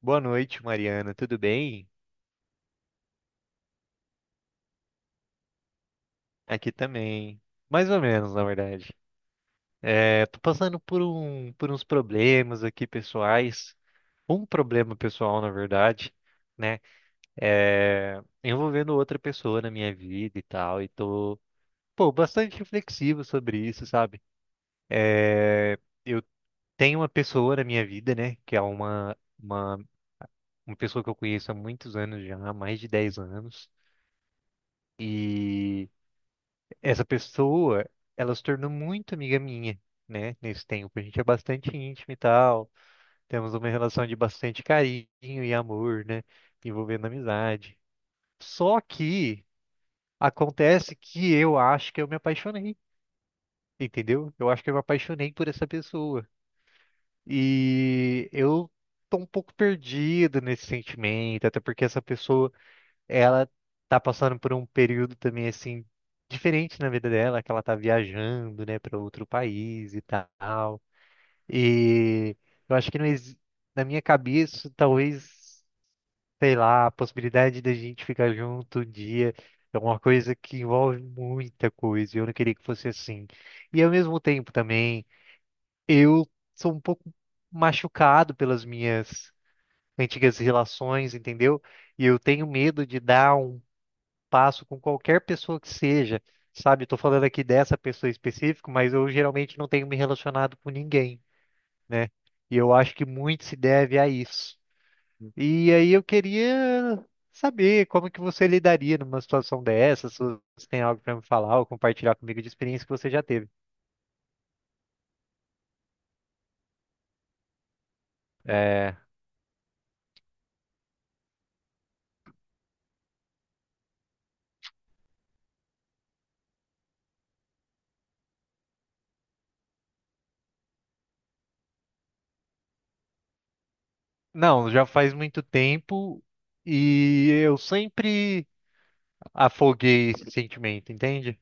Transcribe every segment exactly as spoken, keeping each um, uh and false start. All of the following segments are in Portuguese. Boa noite, Mariana. Tudo bem? Aqui também. Mais ou menos, na verdade. É, tô passando por um, por uns problemas aqui pessoais. Um problema pessoal, na verdade, né? É, envolvendo outra pessoa na minha vida e tal. E tô, pô, bastante reflexivo sobre isso, sabe? É, eu tenho uma pessoa na minha vida, né? Que é uma, uma, uma pessoa que eu conheço há muitos anos já, há mais de dez anos. E. Essa pessoa, ela se tornou muito amiga minha, né? Nesse tempo, a gente é bastante íntimo e tal, temos uma relação de bastante carinho e amor, né? Envolvendo amizade. Só que acontece que eu acho que eu me apaixonei, entendeu? Eu acho que eu me apaixonei por essa pessoa. E eu tô um pouco perdido nesse sentimento, até porque essa pessoa ela tá passando por um período também assim diferente na vida dela, que ela tá viajando, né, para outro país e tal. E eu acho que não exi- na minha cabeça, talvez, sei lá, a possibilidade da gente ficar junto um dia é uma coisa que envolve muita coisa. e Eu não queria que fosse assim. E ao mesmo tempo também, eu sou um pouco machucado pelas minhas antigas relações, entendeu? E eu tenho medo de dar um passo com qualquer pessoa que seja, sabe? Estou falando aqui dessa pessoa específica, mas eu geralmente não tenho me relacionado com ninguém, né? E eu acho que muito se deve a isso. E aí eu queria saber como que você lidaria numa situação dessa, se você tem algo para me falar ou compartilhar comigo de experiência que você já teve. É, não, já faz muito tempo e eu sempre afoguei esse sentimento, entende?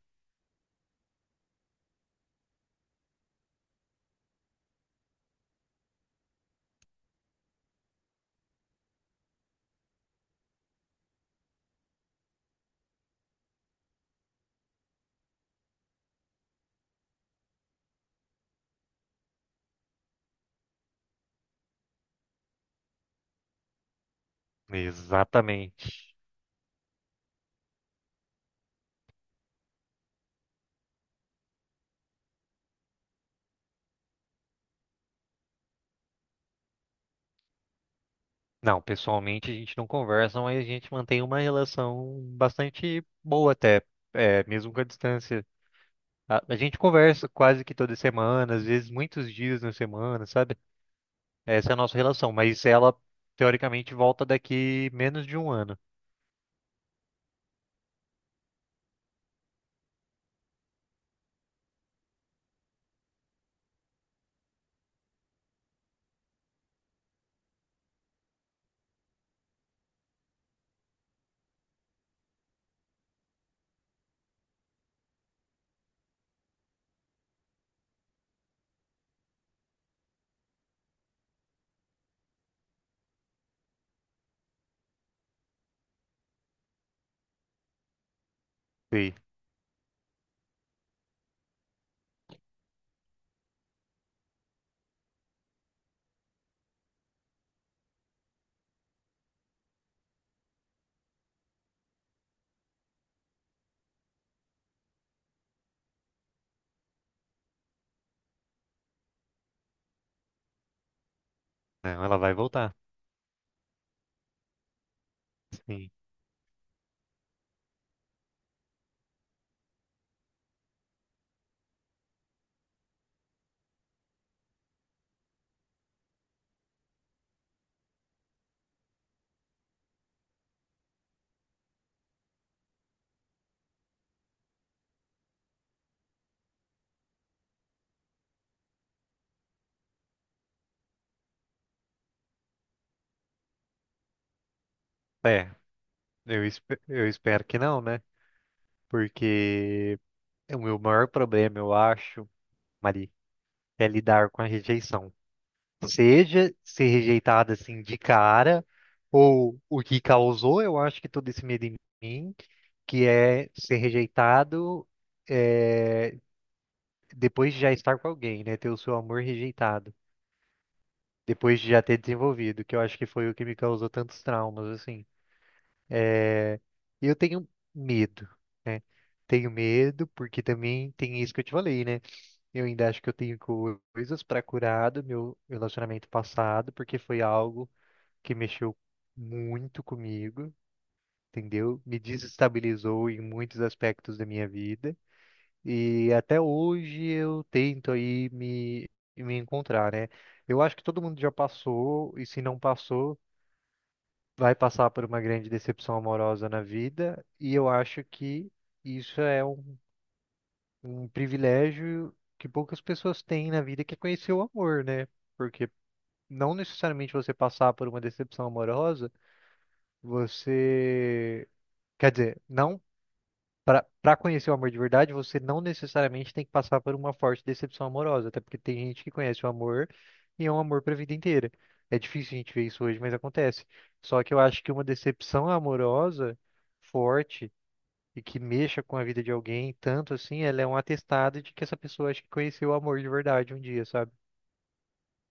Exatamente. Não, pessoalmente a gente não conversa, mas a gente mantém uma relação bastante boa até, é, mesmo com a distância. A, a gente conversa quase que toda semana, às vezes muitos dias na semana, sabe? Essa é a nossa relação, mas ela teoricamente volta daqui menos de um ano. Sim. Não, ela vai voltar. Sim. É, eu, espe- eu espero que não, né? Porque o meu maior problema, eu acho, Mari, é lidar com a rejeição. Seja ser rejeitada assim de cara, ou o que causou, eu acho que todo esse medo em mim, que é ser rejeitado é, depois de já estar com alguém, né? Ter o seu amor rejeitado, depois de já ter desenvolvido, que eu acho que foi o que me causou tantos traumas, assim. É, e eu tenho medo, né? Tenho medo, porque também tem isso que eu te falei, né? Eu ainda acho que eu tenho coisas para curar do meu relacionamento passado, porque foi algo que mexeu muito comigo, entendeu? Me desestabilizou em muitos aspectos da minha vida. E até hoje eu tento aí me, me encontrar, né? Eu acho que todo mundo já passou, e se não passou, vai passar por uma grande decepção amorosa na vida. E eu acho que isso é um, um privilégio que poucas pessoas têm na vida, que é conhecer o amor, né? Porque não necessariamente você passar por uma decepção amorosa, você quer dizer, não para para conhecer o amor de verdade, você não necessariamente tem que passar por uma forte decepção amorosa, até porque tem gente que conhece o amor e é um amor para a vida inteira. É difícil a gente ver isso hoje, mas acontece. Só que eu acho que uma decepção amorosa forte e que mexa com a vida de alguém, tanto assim, ela é um atestado de que essa pessoa acho que conheceu o amor de verdade um dia, sabe?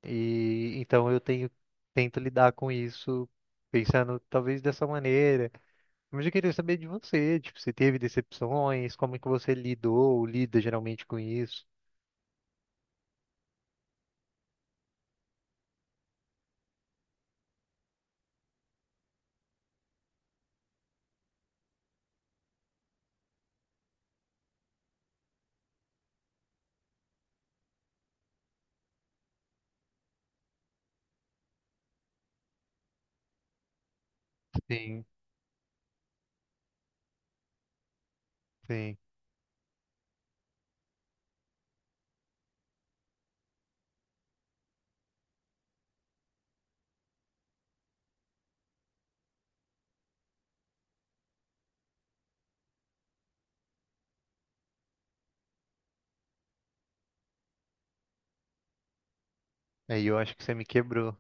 E então eu tenho tento lidar com isso pensando talvez dessa maneira, mas eu queria saber de você, tipo, você teve decepções, como é que você lidou ou lida geralmente com isso? Sim, sim. Aí eu acho que você me quebrou.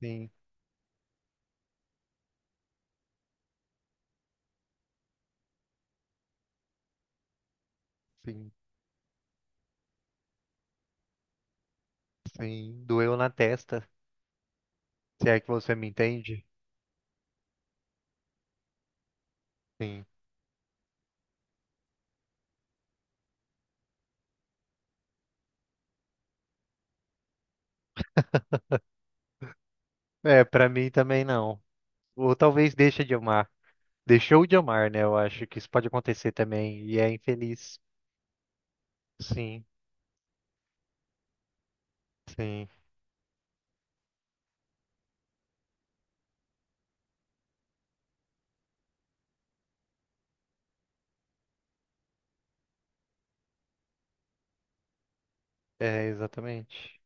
Sim, sim, sim. Doeu na testa. Se é que você me entende? Sim. É, pra mim também não. Ou talvez deixa de amar. Deixou de amar, né? Eu acho que isso pode acontecer também. E é infeliz. Sim, sim. É, exatamente.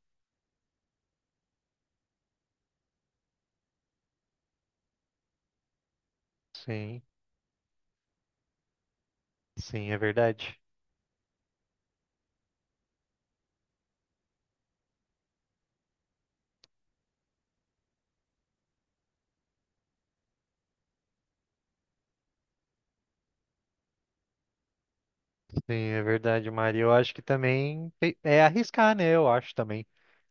Sim, sim, é verdade. Sim, é verdade, Mari. Eu acho que também te- é arriscar, né? Eu acho também.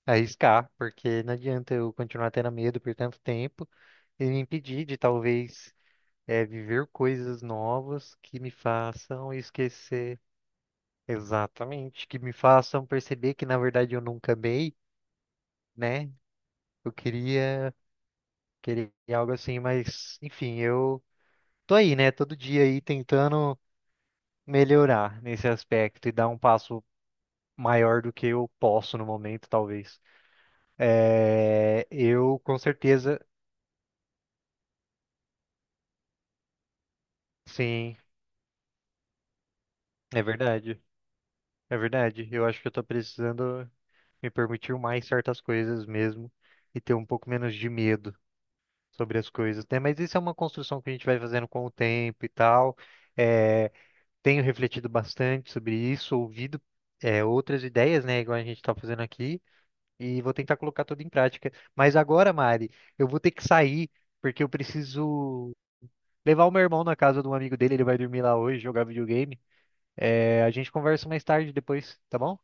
Arriscar, porque não adianta eu continuar tendo medo por tanto tempo e me impedir de talvez é, viver coisas novas que me façam esquecer. Exatamente, que me façam perceber que na verdade eu nunca amei, né? Eu queria, queria algo assim, mas enfim, eu tô aí, né? Todo dia aí tentando melhorar nesse aspecto e dar um passo maior do que eu posso no momento, talvez. É, eu com certeza, sim, é verdade, é verdade. Eu acho que eu tô precisando me permitir mais certas coisas mesmo e ter um pouco menos de medo sobre as coisas, né? Mas isso é uma construção que a gente vai fazendo com o tempo e tal. É, tenho refletido bastante sobre isso, ouvido, é, outras ideias, né, igual a gente tá fazendo aqui, e vou tentar colocar tudo em prática. Mas agora, Mari, eu vou ter que sair porque eu preciso levar o meu irmão na casa de um amigo dele, ele vai dormir lá hoje, jogar videogame. É, a gente conversa mais tarde depois, tá bom?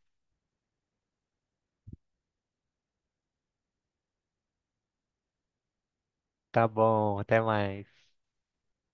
Tá bom, até mais.